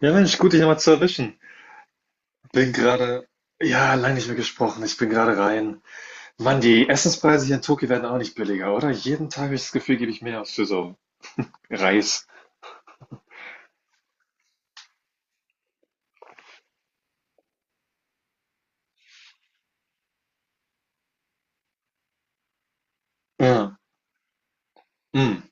Ja, Mensch, gut, dich nochmal zu erwischen. Bin gerade, ja, lange nicht mehr gesprochen. Ich bin gerade rein. Mann, die Essenspreise hier in Tokio werden auch nicht billiger, oder? Jeden Tag habe ich das Gefühl, gebe ich mehr aus für so Reis. Ja, mm.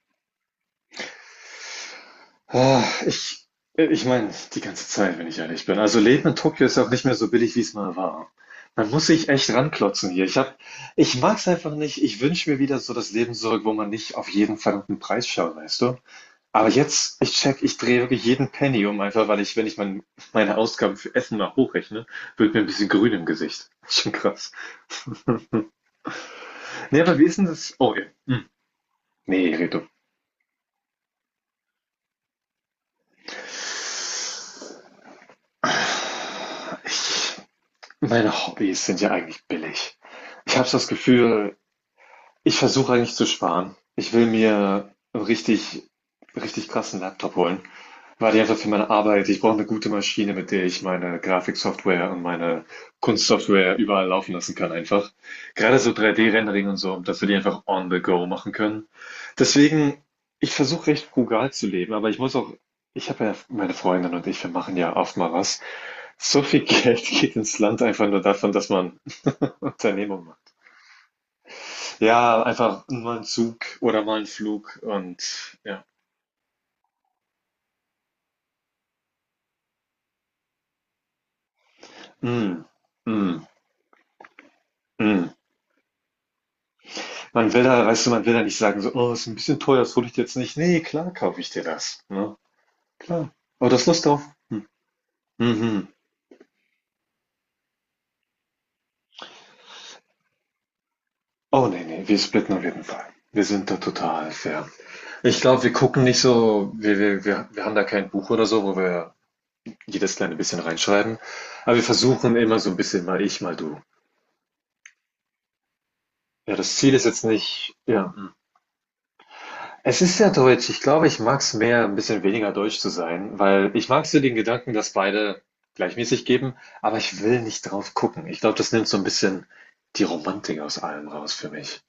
Ah, ich meine, die ganze Zeit, wenn ich ehrlich bin. Also Leben in Tokio ist ja auch nicht mehr so billig, wie es mal war. Man muss sich echt ranklotzen hier. Ich mag's einfach nicht. Ich wünsche mir wieder so das Leben zurück, wo man nicht auf jeden verdammten Preis schaut, weißt du? Aber jetzt, ich drehe wirklich jeden Penny um, einfach weil ich, wenn ich meine Ausgaben für Essen mal hochrechne, wird mir ein bisschen grün im Gesicht. Schon krass. Nee, aber wie ist denn das? Oh ja. Hm. Nee, Redo. Ich, meine Hobbys sind ja eigentlich billig. Ich habe so das Gefühl. Ich versuche eigentlich zu sparen. Ich will mir 'n richtig richtig krassen Laptop holen, weil ich einfach für meine Arbeit, ich brauche eine gute Maschine, mit der ich meine Grafiksoftware und meine Kunstsoftware überall laufen lassen kann einfach. Gerade so 3D-Rendering und so, dass wir die einfach on the go machen können. Deswegen, ich versuche recht frugal zu leben, aber ich muss auch, ich habe ja meine Freundin und ich, wir machen ja oft mal was. So viel Geld geht ins Land einfach nur davon, dass man Unternehmung macht. Ja, einfach mal ein Zug oder mal ein Flug und ja. Mhm. Mhm. Mhm. Man will da, weißt du, man will da nicht sagen so: „Oh, ist ein bisschen teuer, das hole ich dir jetzt nicht.“ Nee, klar kaufe ich dir das, ne? Klar. Oh, das Lust drauf. Hm. Mhm. Oh, nee, nee, wir splitten auf jeden Fall. Wir sind da total fair. Ich glaube, wir gucken nicht so, wir haben da kein Buch oder so, wo wir jedes kleine bisschen reinschreiben, aber wir versuchen immer so ein bisschen mal ich, mal du. Ja, das Ziel ist jetzt nicht, ja. Hm. Es ist ja deutsch. Ich glaube, ich mag es mehr, ein bisschen weniger deutsch zu sein, weil ich mag so den Gedanken, dass beide gleichmäßig geben, aber ich will nicht drauf gucken. Ich glaube, das nimmt so ein bisschen die Romantik aus allem raus für mich.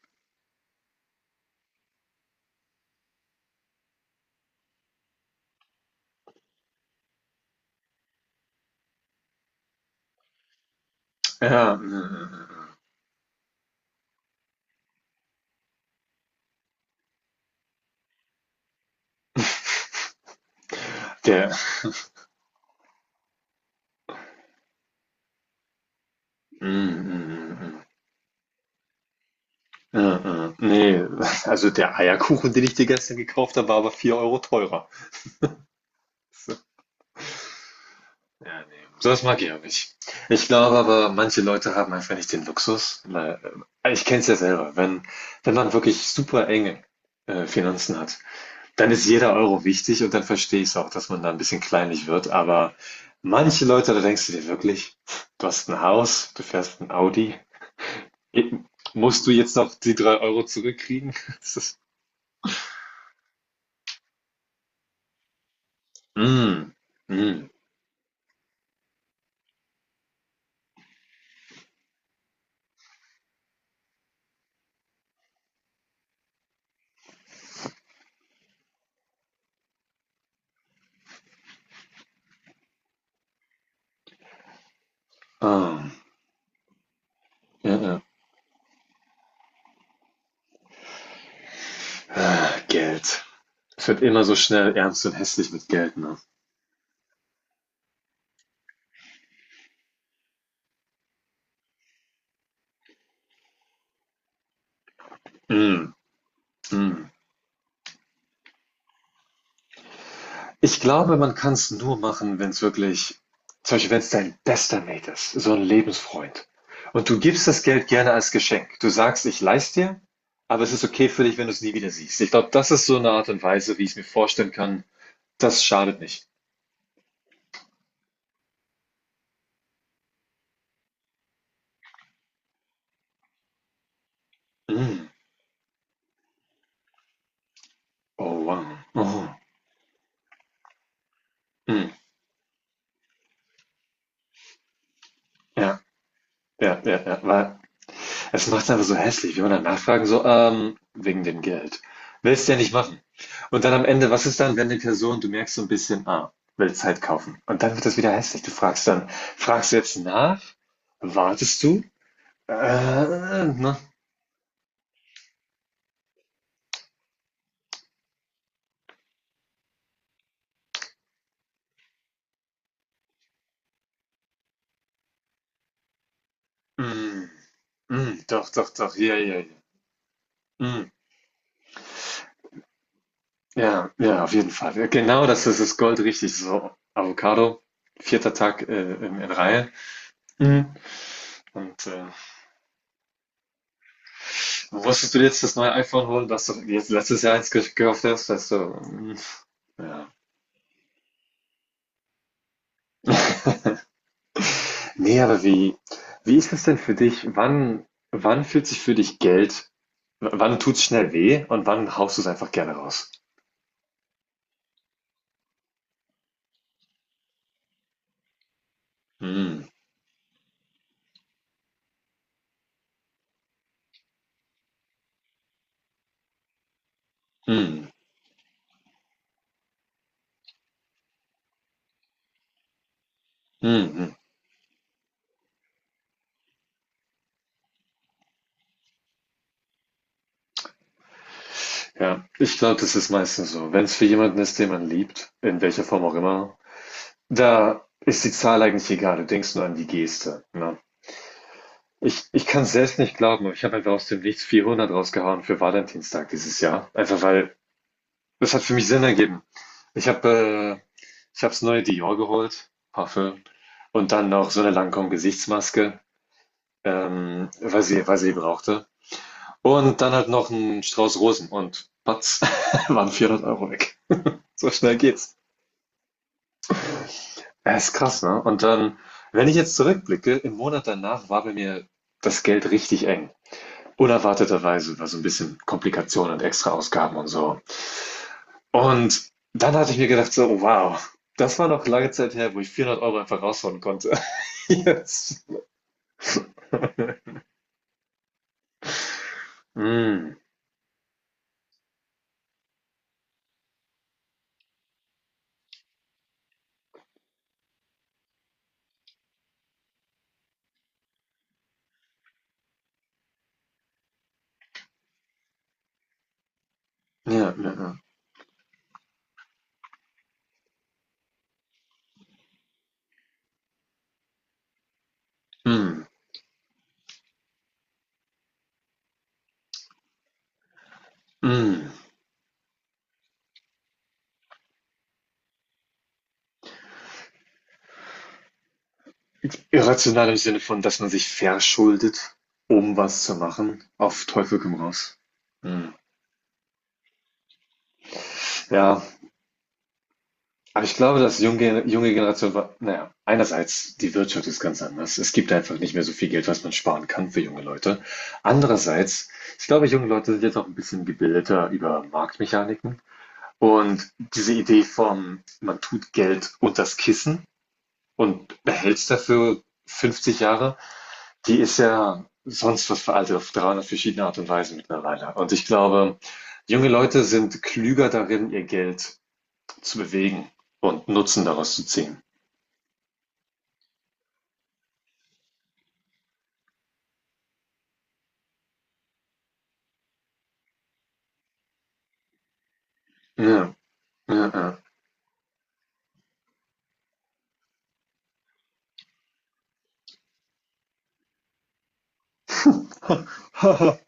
Ja, mm, der, mm, mm, mm, mm, mm, nee, also der Eierkuchen, den ich dir gestern gekauft habe, war aber 4 Euro teurer. Ja, ne, sowas mag ich auch nicht. Ich glaube aber, manche Leute haben einfach nicht den Luxus, weil, ich kenne es ja selber, wenn man wirklich super enge Finanzen hat, dann ist jeder Euro wichtig und dann verstehe ich es auch, dass man da ein bisschen kleinlich wird. Aber manche Leute, da denkst du dir wirklich, du hast ein Haus, du fährst ein Audi, eh, musst du jetzt noch die 3 Euro zurückkriegen? Das ist, mm, mm, ah, ja, ja. Ah, Geld. Es wird immer so schnell ernst und hässlich mit Geld, ne? Mm, mm. Ich glaube, man kann es nur machen, wenn es wirklich, zum Beispiel, wenn es dein bester Mate ist, so ein Lebensfreund. Und du gibst das Geld gerne als Geschenk. Du sagst: „Ich leih's dir, aber es ist okay für dich, wenn du es nie wieder siehst.“ Ich glaube, das ist so eine Art und Weise, wie ich es mir vorstellen kann. Das schadet nicht. Mm. Oh, wow. Mhm. Mhm. Ja, ja, ja, ja, weil, es macht's einfach so hässlich, wenn man dann nachfragen, so, wegen dem Geld. Willst du ja nicht machen. Und dann am Ende, was ist dann, wenn die Person, du merkst so ein bisschen, ah, will Zeit kaufen. Und dann wird das wieder hässlich. Du fragst dann, fragst du jetzt nach? Wartest du? Äh, ne? Mm, mm, doch, doch, doch, ja, ja, ja. Mm, ja, ja, auf jeden Fall. Ja, genau das ist das Gold richtig. So, Avocado, vierter Tag, in Reihe. Mm. Und äh, Musstest du jetzt das neue iPhone holen, dass du jetzt letztes Jahr eins gekauft hast? Weißt du, mm, ja. Nee, aber wie ist das denn für dich? Wann fühlt sich für dich Geld, wann tut es schnell weh und wann haust du es einfach gerne raus? Mm, mm, mm, mm. Ja, ich glaube, das ist meistens so. Wenn es für jemanden ist, den man liebt, in welcher Form auch immer, da ist die Zahl eigentlich egal. Du denkst nur an die Geste. Ne? Ich kann es selbst nicht glauben, aber ich habe einfach aus dem Nichts 400 rausgehauen für Valentinstag dieses Jahr. Einfach weil, das hat für mich Sinn ergeben. Ich habe äh, ich habe das neue Dior geholt, Parfüm, und dann noch so eine Lancôme-Gesichtsmaske, weil sie brauchte. Und dann halt noch ein Strauß Rosen und patz, waren 400 Euro weg. So schnell geht's. Ja, ist krass, ne? Und dann, wenn ich jetzt zurückblicke, im Monat danach war bei mir das Geld richtig eng. Unerwarteterweise war so ein bisschen Komplikationen und extra Ausgaben und so. Und dann hatte ich mir gedacht so: „Wow, das war noch lange Zeit her, wo ich 400 Euro einfach raushauen konnte.“ Jetzt, hm, ja, ja, ja. Hm, hm. Irrational im Sinne von, dass man sich verschuldet, um was zu machen, auf Teufel komm raus. Hm, ja, aber ich glaube, dass junge Generation war, na ja, einerseits die Wirtschaft ist ganz anders. Es gibt einfach nicht mehr so viel Geld, was man sparen kann für junge Leute. Andererseits, ich glaube, junge Leute sind jetzt auch ein bisschen gebildeter über Marktmechaniken. Und diese Idee von, man tut Geld unters Kissen und behält es dafür 50 Jahre, die ist ja sonst was veraltet auf 300 verschiedene Art und Weise mittlerweile. Und ich glaube, junge Leute sind klüger darin, ihr Geld zu bewegen und Nutzen daraus zu ziehen. Ja, ja,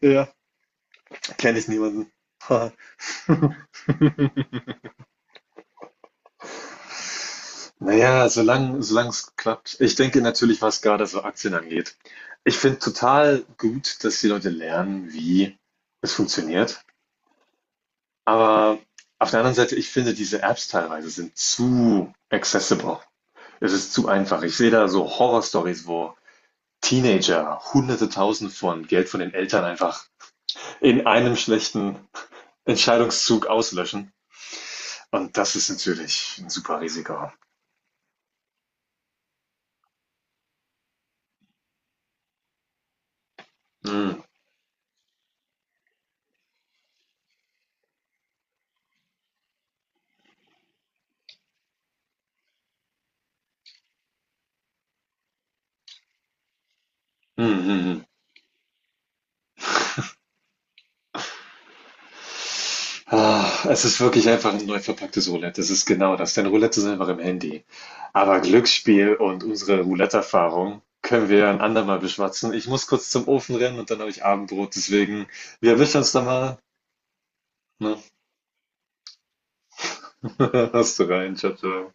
ja. Ja. Kenne ich niemanden. Naja, solange es klappt. Ich denke natürlich, was gerade so Aktien angeht. Ich finde total gut, dass die Leute lernen, wie es funktioniert. Aber auf der anderen Seite, ich finde, diese Apps teilweise sind zu accessible. Es ist zu einfach. Ich sehe da so Horrorstories, wo Teenager Hunderte Tausend von Geld von den Eltern einfach in einem schlechten Entscheidungszug auslöschen. Und das ist natürlich ein super Risiko. Mm, mm, mm, mm. Ah, es ist wirklich einfach ein neu verpacktes Roulette. Das ist genau das, denn Roulette ist einfach im Handy. Aber Glücksspiel und unsere Roulette-Erfahrung können wir ein andermal beschwatzen. Ich muss kurz zum Ofen rennen und dann habe ich Abendbrot, deswegen wir erwischen uns da mal, ne? Hast du rein. Tschau, tschau.